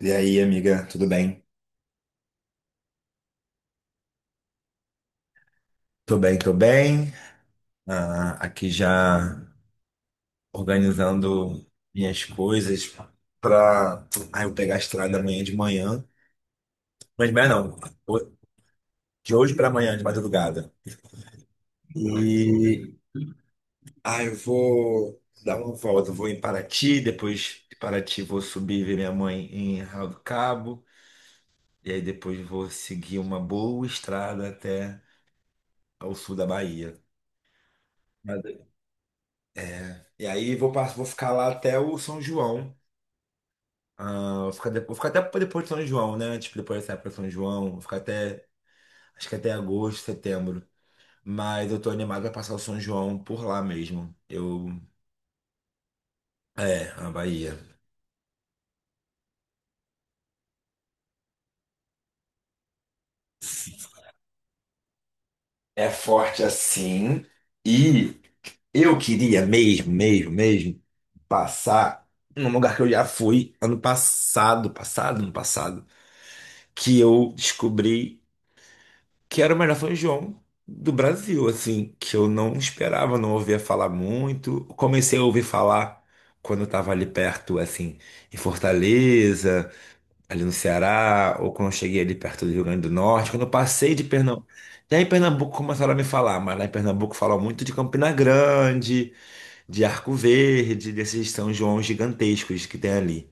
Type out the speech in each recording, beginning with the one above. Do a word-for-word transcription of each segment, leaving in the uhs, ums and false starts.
E aí, amiga, tudo bem? Tô bem, tô bem. Ah, aqui já organizando minhas coisas pra ah, eu pegar a estrada amanhã de manhã. Mas amanhã não, ho- de hoje pra amanhã, de madrugada. E ah, eu vou dar uma volta, vou em Paraty, depois de Paraty vou subir ver minha mãe em Arraial do Cabo, e aí depois vou seguir uma boa estrada até ao sul da Bahia. Mas- E aí vou, pass- vou ficar lá até o São João. Ah, vou ficar, de- vou ficar até pra depois de São João, né? Tipo, depois dessa época de São João, vou ficar até, acho que até agosto, setembro. Mas eu tô animado pra passar o São João por lá mesmo. Eu, é, a Bahia. É forte assim. E eu queria mesmo, mesmo, mesmo passar num lugar que eu já fui ano passado, passado, ano passado, que eu descobri que era o melhor São João do Brasil, assim, que eu não esperava, não ouvia falar muito. Comecei a ouvir falar quando eu tava ali perto, assim, em Fortaleza, ali no Ceará, ou quando eu cheguei ali perto do Rio Grande do Norte, quando eu passei de Pernambuco. Já em Pernambuco começaram a me falar, mas lá em Pernambuco falam muito de Campina Grande, de Arco Verde, desses São João gigantescos que tem ali.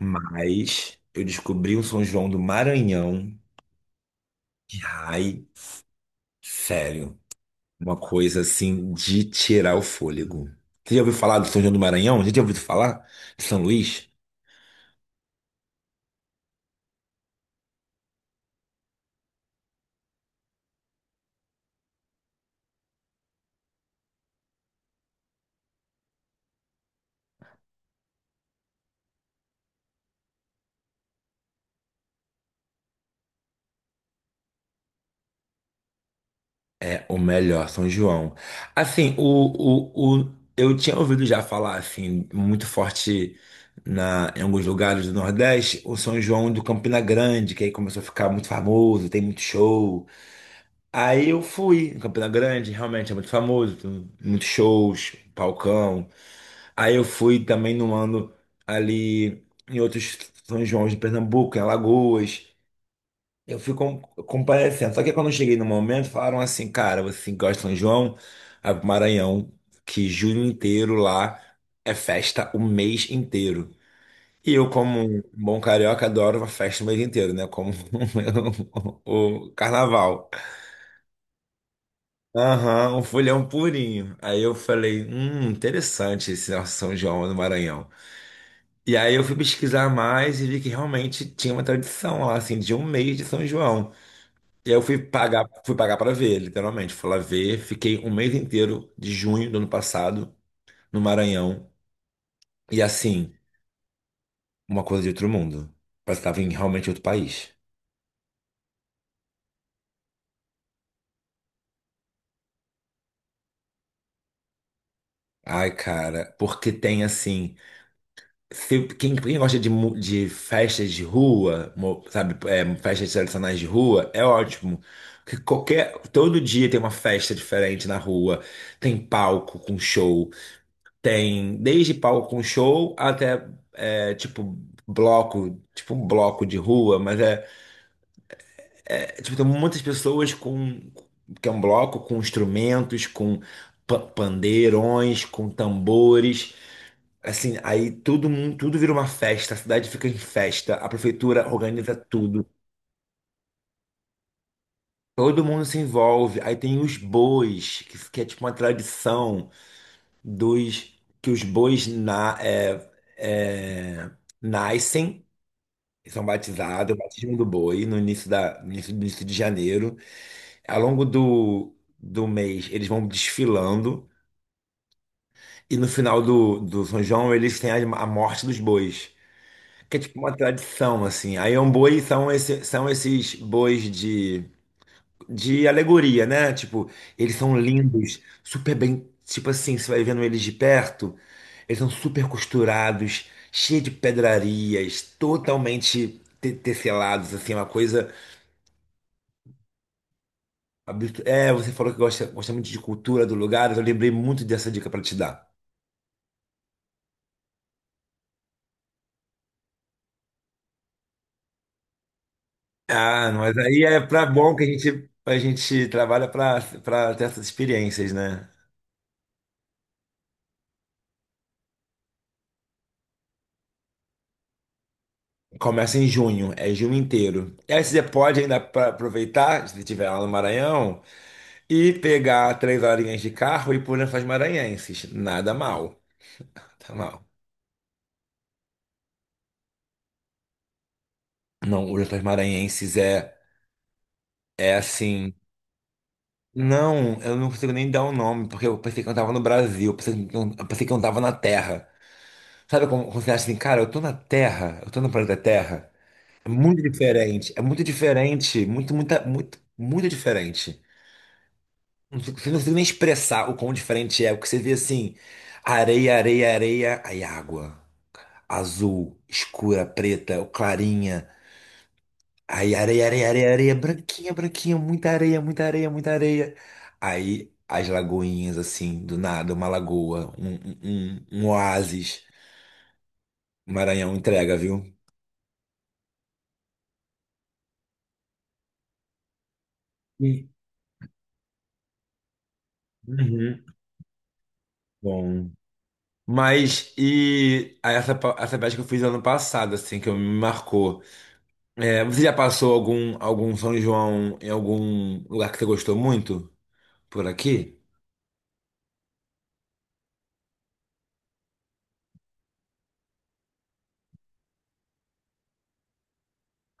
Mas eu descobri um São João do Maranhão. que, Ai, sério. Uma coisa assim de tirar o fôlego. Você já ouviu falar do São João do Maranhão? Já tinha ouvido falar de São Luís? É o melhor, São João. Assim, o, o, o, eu tinha ouvido já falar, assim, muito forte na, em alguns lugares do Nordeste, o São João do Campina Grande, que aí começou a ficar muito famoso, tem muito show. Aí eu fui em Campina Grande, realmente é muito famoso, tem muitos shows, palcão. Aí eu fui também no ano ali em outros São João de Pernambuco, em Alagoas. Eu fui com, comparecendo. Só que quando eu cheguei no momento, falaram assim, cara, você que gosta de São João, vai pro Maranhão, que junho inteiro lá é festa o mês inteiro. E eu, como um bom carioca, adoro uma festa o mês inteiro, né? Como o o carnaval. Aham, um folhão purinho. Aí eu falei, hum, interessante esse nosso São João no Maranhão. E aí eu fui pesquisar mais e vi que realmente tinha uma tradição lá, assim, de um mês de São João. E aí eu fui pagar, fui pagar para ver, literalmente. Fui lá ver, fiquei um mês inteiro de junho do ano passado no Maranhão. E assim, uma coisa de outro mundo. Parece que tava em realmente outro país. Ai, cara, porque tem assim. se- quem, quem gosta de, mu- de festas de rua, mo- sabe, é, festas tradicionais de rua, é ótimo. Porque qualquer, todo dia tem uma festa diferente na rua, tem palco com show, tem desde palco com show até é, tipo bloco, tipo um bloco de rua, mas é, é, tipo, tem muitas pessoas com que é um bloco com instrumentos, com pa- pandeirões, com tambores. Assim, aí todo mundo, tudo vira uma festa, a cidade fica em festa, a prefeitura organiza tudo. Todo mundo se envolve. Aí tem os bois, que, que é tipo uma tradição dos que os bois na, é, é, nascem, são batizados, é o batismo do boi no início da, no início, no início de janeiro. Ao longo do, do mês, eles vão desfilando, e no final do, do São João, eles têm a, a morte dos bois. Que é tipo uma tradição, assim. Aí é um boi são, esse, são esses bois de, de alegoria, né? Tipo, eles são lindos, super bem. Tipo assim, você vai vendo eles de perto, eles são super costurados, cheios de pedrarias, totalmente te- tecelados, assim, é uma coisa absurda. É, você falou que gosta, gosta muito de cultura do lugar, eu lembrei muito dessa dica para te dar. Ah, mas aí é pra bom que a gente, a gente trabalha para pra ter essas experiências, né? Começa em junho, é junho inteiro. E aí você pode ainda pra- aproveitar, se estiver lá no Maranhão, e pegar três horinhas de carro e ir por Lençóis Maranhenses. Nada mal. Nada mal. Não, o Lençóis Maranhenses é, é assim. Não, eu não consigo nem dar o nome, porque eu pensei que eu tava no Brasil, eu pensei que eu, eu pensei que eu tava na Terra. Sabe como, quando você acha assim, cara, eu tô na Terra, eu tô no planeta Terra. É muito diferente, é muito diferente, muito, muita, muito, muito diferente. Não consigo não consigo nem expressar o quão diferente é. O que você vê assim: areia, areia, areia, aí água. Azul, escura, preta, ou clarinha. Aí areia, areia, areia, areia, branquinha, branquinha, muita areia, muita areia, muita areia. Aí as lagoinhas, assim, do nada, uma lagoa, um, um, um, um oásis. Maranhão entrega, viu? Sim. Uhum. Bom. Mas, e aí essa, pa- essa viagem que eu fiz ano passado, assim, que me marcou. É, você já passou algum, algum São João em algum lugar que você gostou muito? Por aqui?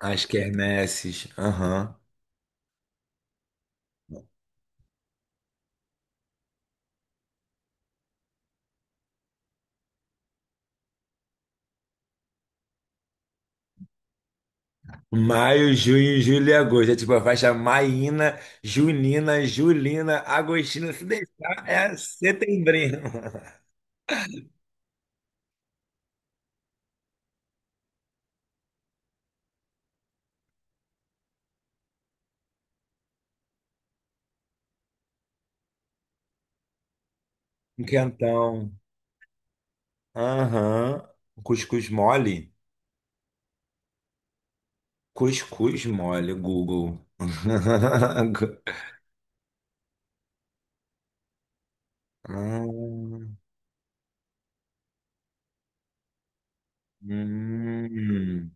As quermesses. Aham. Maio, junho, julho e agosto. É tipo a faixa maína, junina, julina, agostina. Se deixar, é setembrinho. Um Quentão. Aham. Cuscuz mole? Cuscuz mole, Google. Ah. Hum.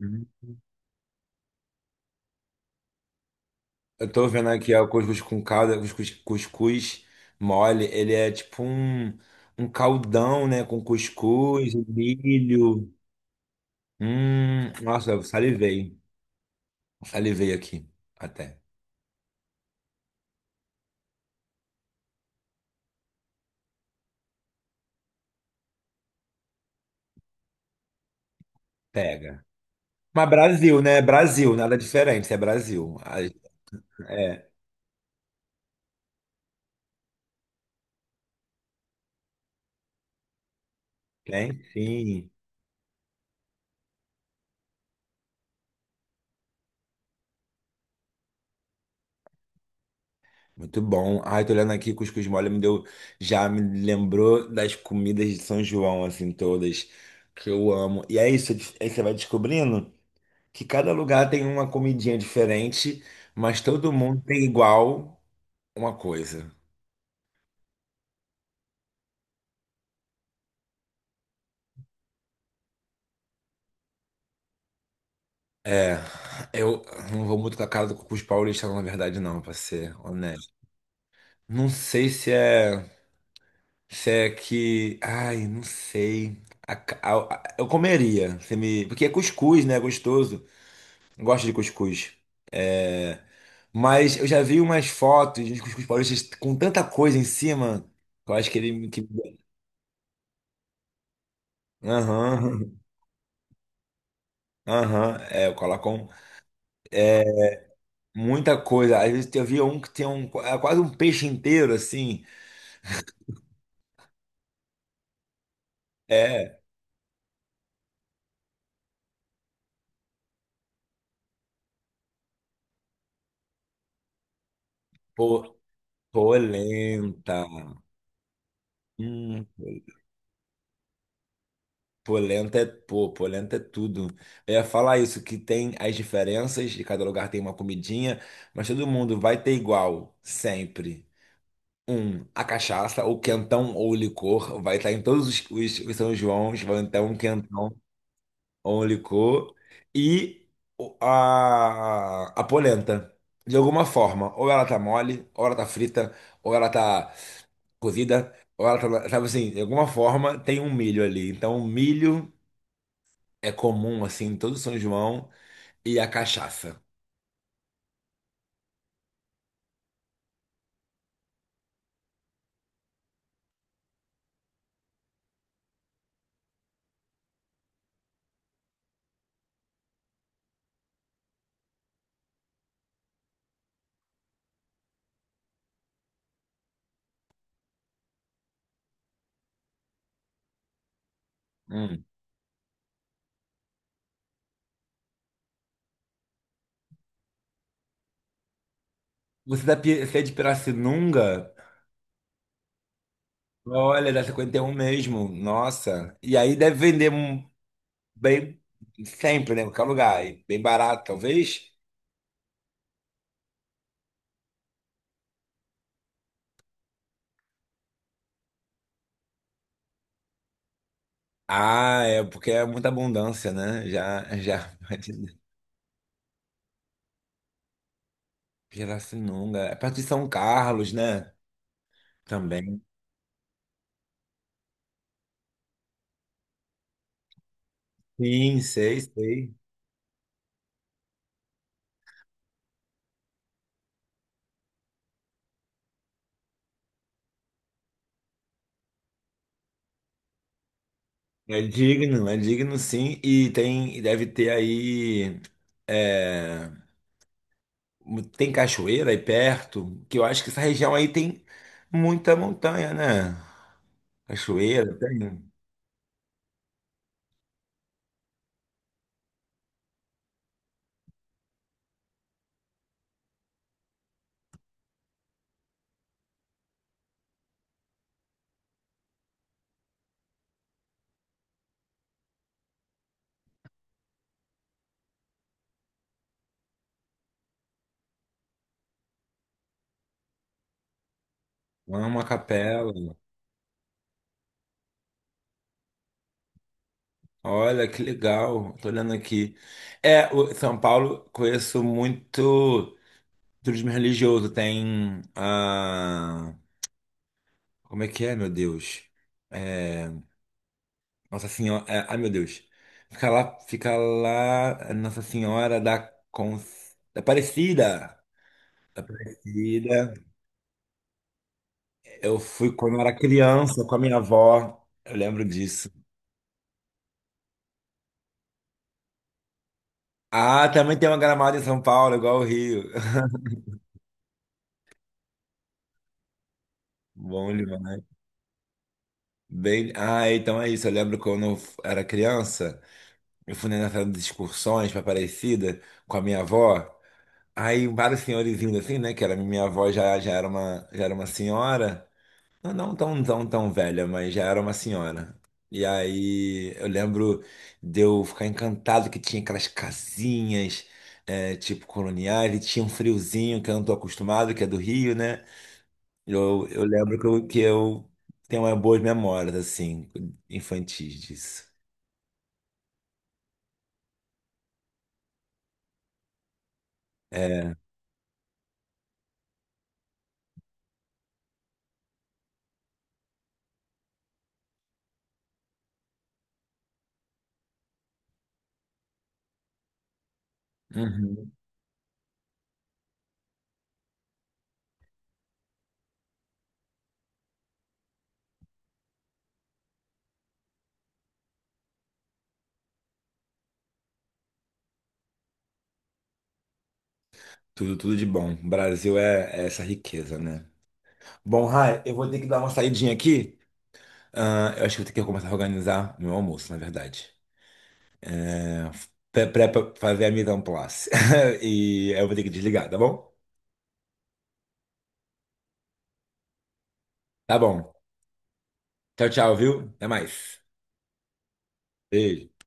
Hum. Eu tô vendo aqui ó, o cuscuz com calda, cuscuz, cuscuz mole. Ele é tipo um, um caldão, né? Com cuscuz, milho. Hum, nossa, eu salivei. Salivei aqui. Até. Pega. Mas Brasil, né? Brasil, nada diferente. É Brasil. Ai, é, tem sim. Muito bom. Ai, tô olhando aqui, cuscuz mole me deu. Já me lembrou das comidas de São João, assim, todas. Que eu amo. E é isso, aí você vai descobrindo que cada lugar tem uma comidinha diferente, mas todo mundo tem igual uma coisa. É, eu não vou muito com a cara do cuscuz paulista, não, na verdade, não, pra ser honesto. Não sei se é, se é que, ai, não sei. A ca- a- a- eu comeria, se me, porque é cuscuz, né? É gostoso. Eu gosto de cuscuz. É. Mas eu já vi umas fotos de cuscuz paulista com tanta coisa em cima, que eu acho que ele. que- Aham, aham. É, eu coloco. Um. Muita coisa. Às vezes eu via um que tinha um, é quase um peixe inteiro, assim. É, po, polenta. Hum, polenta é, pô, polenta é tudo. Eu ia falar isso, que tem as diferenças, de cada lugar tem uma comidinha, mas todo mundo vai ter igual, sempre. Um, a cachaça, ou quentão, ou licor, vai estar em todos os, os, os São Joãos, vai ter um quentão. Only co e o- a, a polenta. De alguma forma, ou ela tá mole, ou ela tá frita, ou ela tá cozida, ou ela tá, sabe assim, de alguma forma tem um milho ali. Então, o milho é comum assim em todo São João e a cachaça. Hum. Você tá, pi- você é de Pirassununga? Olha, da cinquenta e um mesmo. Nossa. E aí deve vender um bem sempre, né? Em qualquer lugar. E bem barato, talvez. Ah, é porque é muita abundância, né? Já, já. Pirassununga. É perto de São Carlos, né? Também. Sim, sei, sei. É digno, é digno, sim. E tem, e deve ter aí. É, tem cachoeira aí perto, que eu acho que essa região aí tem muita montanha, né? Cachoeira, tem. Uma capela. Olha que legal. Tô olhando aqui. É, o São Paulo conheço muito. Turismo religioso tem. ah, como é que é, meu Deus? É, Nossa Senhora. é, ai, meu Deus. Fica lá, fica lá, é, Nossa Senhora da Cons... da Aparecida. Aparecida. Eu fui quando eu era criança com a minha avó. Eu lembro disso. Ah, também tem uma Gramado em São Paulo, igual o Rio. Bom demais. Bem, ah, então é isso. Eu lembro quando eu era criança, eu fui nessa de excursões para Aparecida com a minha avó. Aí vários senhorizinhos assim, né? Que era minha avó já, já era uma, já era uma senhora. Não, não tão, tão, tão velha, mas já era uma senhora. E aí eu lembro de eu ficar encantado que tinha aquelas casinhas, é, tipo coloniais, e tinha um friozinho que eu não tô acostumado, que é do Rio, né? Eu, eu lembro que eu, que eu tenho umas boas memórias, assim, infantis disso. Uhum. Tudo, tudo de bom. O Brasil é, é essa riqueza, né? Bom, Rai, eu vou ter que dar uma saidinha aqui. Ah, eu acho que vou ter que começar a organizar meu almoço, na verdade. Pra, pra- pra fazer a mise en place. E aí eu vou ter que desligar, tá bom? Tá bom. Tchau, tchau, viu? Até mais. Beijo.